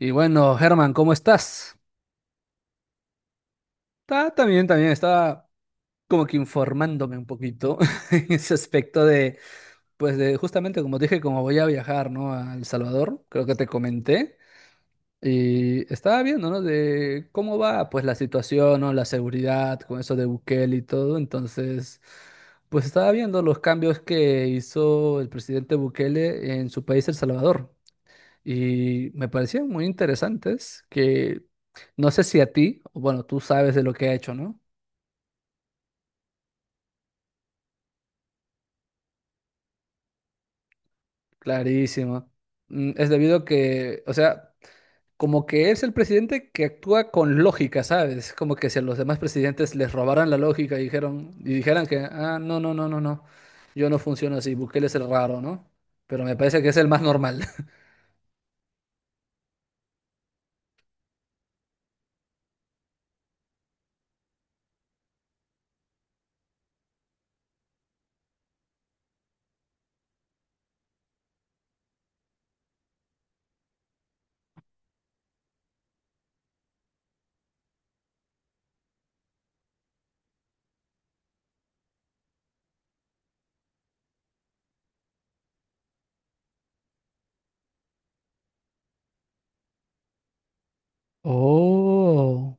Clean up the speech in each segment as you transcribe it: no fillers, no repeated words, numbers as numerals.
Y bueno, Germán, ¿cómo estás? Está también estaba como que informándome un poquito en ese aspecto de, pues de justamente como te dije, como voy a viajar, ¿no? A El Salvador, creo que te comenté, y estaba viendo, ¿no? De cómo va, pues la situación, ¿no? La seguridad con eso de Bukele y todo, entonces, pues estaba viendo los cambios que hizo el presidente Bukele en su país, El Salvador. Y me parecían muy interesantes que no sé si a ti, o bueno, tú sabes de lo que ha hecho, ¿no? Clarísimo. Es debido a que, o sea, como que es el presidente que actúa con lógica, ¿sabes? Como que si a los demás presidentes les robaran la lógica y dijeran que, ah, no, no, no, no, no, yo no funciono así, Bukele es el raro, ¿no? Pero me parece que es el más normal. Oh.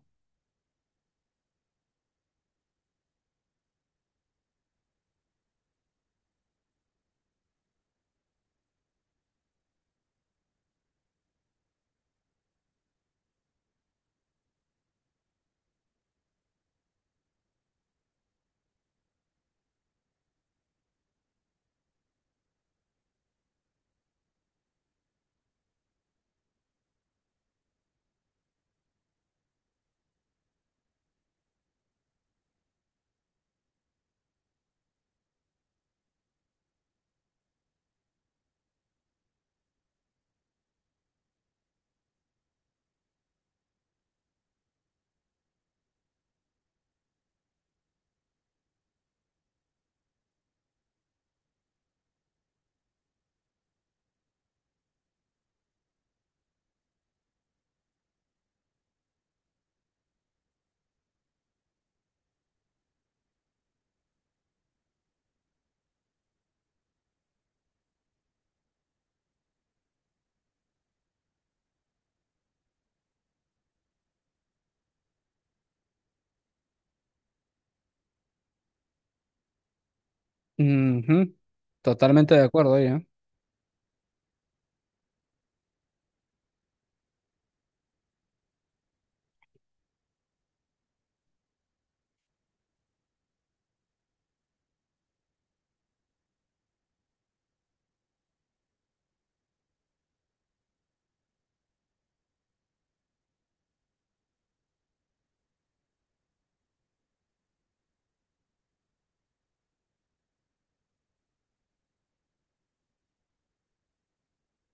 Ujú. Totalmente de acuerdo ahí, ¿eh?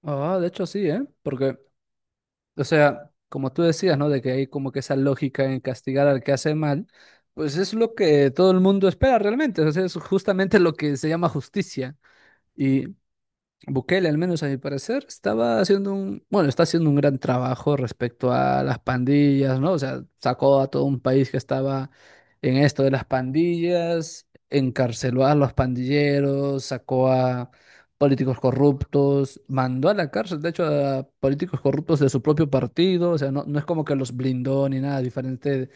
Ah, de hecho sí, ¿eh? Porque O sea, como tú decías, ¿no? De que hay como que esa lógica en castigar al que hace mal, pues es lo que todo el mundo espera realmente. O sea, es justamente lo que se llama justicia. Bukele, al menos a mi parecer, bueno, está haciendo un gran trabajo respecto a las pandillas, ¿no? O sea, sacó a todo un país que estaba en esto de las pandillas, encarceló a los pandilleros, sacó a políticos corruptos, mandó a la cárcel, de hecho, a políticos corruptos de su propio partido, o sea, no, no es como que los blindó ni nada diferente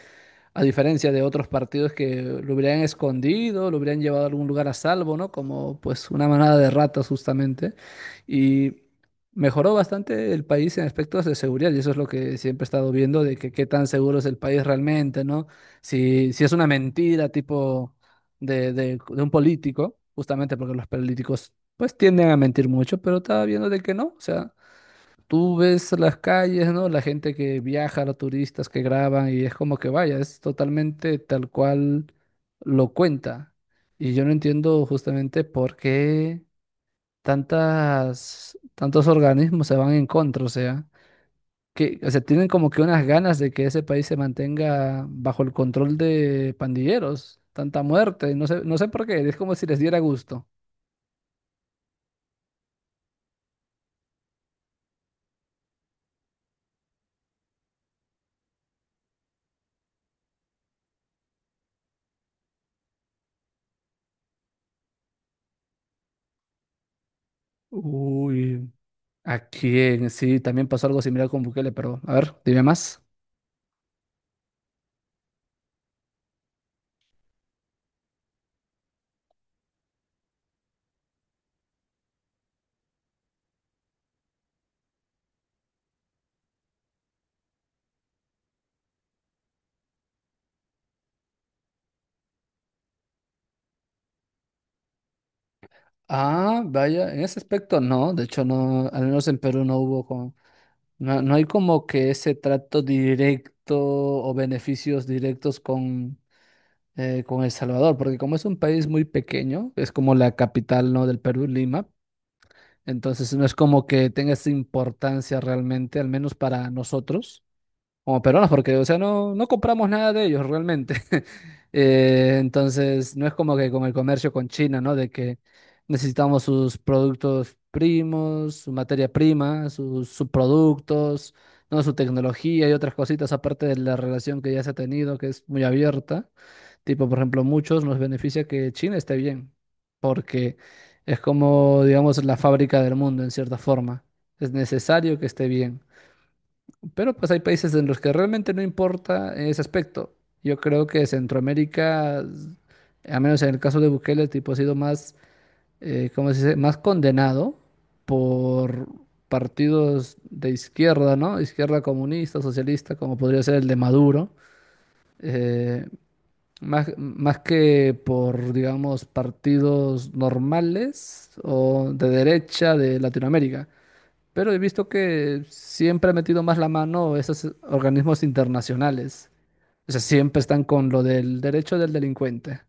a diferencia de otros partidos que lo hubieran escondido, lo hubieran llevado a algún lugar a salvo, ¿no? Como pues una manada de ratas justamente. Y mejoró bastante el país en aspectos de seguridad y eso es lo que siempre he estado viendo de que qué tan seguro es el país realmente, ¿no? Si es una mentira tipo de un político, justamente porque los políticos pues tienden a mentir mucho, pero estaba viendo de que no, o sea tú ves las calles, ¿no? La gente que viaja, los turistas que graban y es como que vaya, es totalmente tal cual lo cuenta. Y yo no entiendo justamente por qué tantos organismos se van en contra, o sea, o sea, tienen como que unas ganas de que ese país se mantenga bajo el control de pandilleros, tanta muerte, no sé, no sé por qué, es como si les diera gusto. Uy. ¿A quién? Sí, también pasó algo similar con Bukele, pero a ver, dime más. Ah, vaya, en ese aspecto no, de hecho no, al menos en Perú no hubo no, no hay como que ese trato directo o beneficios directos con El Salvador, porque como es un país muy pequeño, es como la capital, ¿no? Del Perú, Lima, entonces no es como que tenga esa importancia realmente, al menos para nosotros como peruanos, porque, o sea, no, no compramos nada de ellos realmente. Entonces, no es como que con el comercio con China, ¿no? De que necesitamos sus productos primos, su materia prima, sus subproductos, ¿no? Su tecnología y otras cositas, aparte de la relación que ya se ha tenido, que es muy abierta. Tipo, por ejemplo, muchos nos beneficia que China esté bien, porque es como, digamos, la fábrica del mundo, en cierta forma. Es necesario que esté bien. Pero pues hay países en los que realmente no importa ese aspecto. Yo creo que Centroamérica, a menos en el caso de Bukele, el tipo ha sido más, ¿cómo se dice? Más condenado por partidos de izquierda, ¿no? Izquierda comunista, socialista, como podría ser el de Maduro. eh, más que por, digamos, partidos normales o de derecha de Latinoamérica. Pero he visto que siempre ha metido más la mano esos organismos internacionales. O sea, siempre están con lo del derecho del delincuente.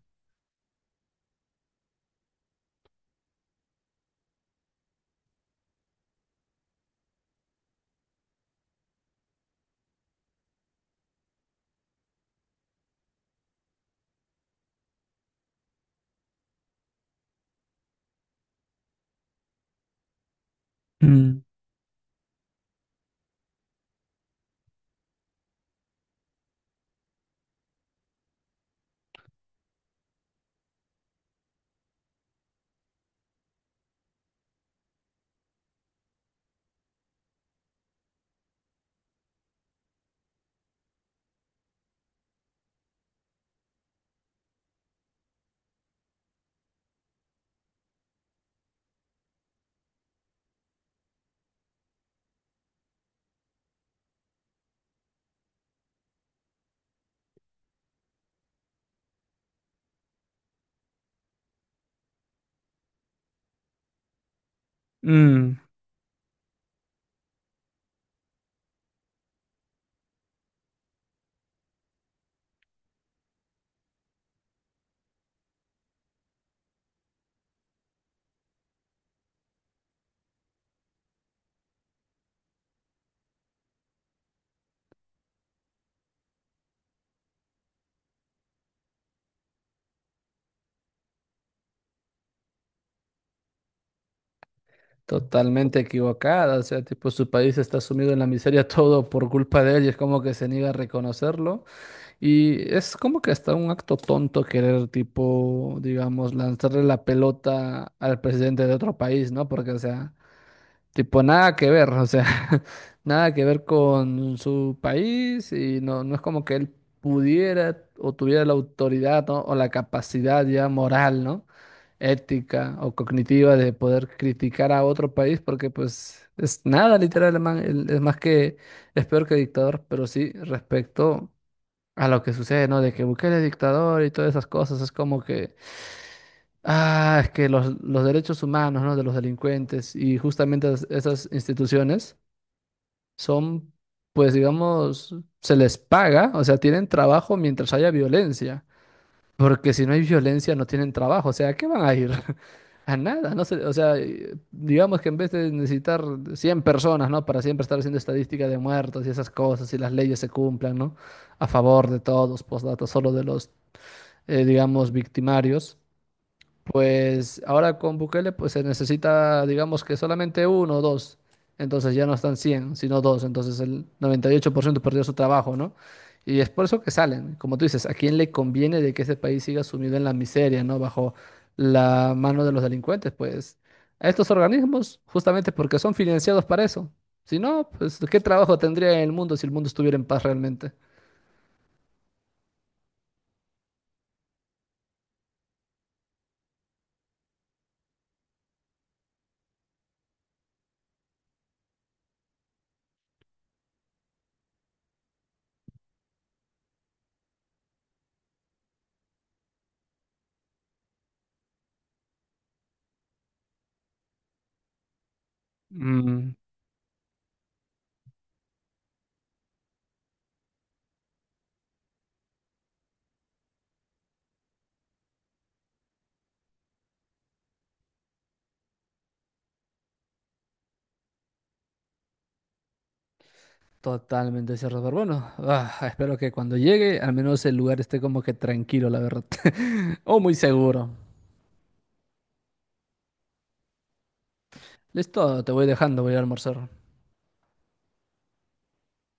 Mm, Mm, Totalmente equivocada. O sea, tipo, su país está sumido en la miseria todo por culpa de él y es como que se niega a reconocerlo. Y es como que hasta un acto tonto querer, tipo, digamos, lanzarle la pelota al presidente de otro país, ¿no? Porque, o sea, tipo, nada que ver, o sea, nada que ver con su país y no, no es como que él pudiera o tuviera la autoridad, ¿no? O la capacidad ya moral, ¿no? Ética o cognitiva de poder criticar a otro país porque pues es nada literal, el man, es más que, es peor que dictador, pero sí respecto a lo que sucede, ¿no? De que Bukele es dictador y todas esas cosas, es como que ah, es que los derechos humanos, ¿no? De los delincuentes y justamente esas instituciones son, pues digamos, se les paga, o sea, tienen trabajo mientras haya violencia, porque si no hay violencia no tienen trabajo, o sea, ¿a qué van a ir? A nada, no sé, o sea, digamos que en vez de necesitar 100 personas, ¿no? Para siempre estar haciendo estadística de muertos y esas cosas y las leyes se cumplan, ¿no? A favor de todos, postdata, solo de los, digamos, victimarios. Pues ahora con Bukele pues se necesita, digamos que solamente uno o dos. Entonces ya no están 100 sino dos. Entonces el 98% perdió su trabajo, ¿no? Y es por eso que salen. Como tú dices, ¿a quién le conviene de que ese país siga sumido en la miseria, ¿no? Bajo la mano de los delincuentes, pues a estos organismos, justamente porque son financiados para eso. Si no, pues ¿qué trabajo tendría el mundo si el mundo estuviera en paz realmente? Mm, Totalmente cerrado. Bueno, ah, espero que cuando llegue, al menos el lugar esté como que tranquilo, la verdad. O muy seguro. Listo, te voy dejando, voy a almorzar.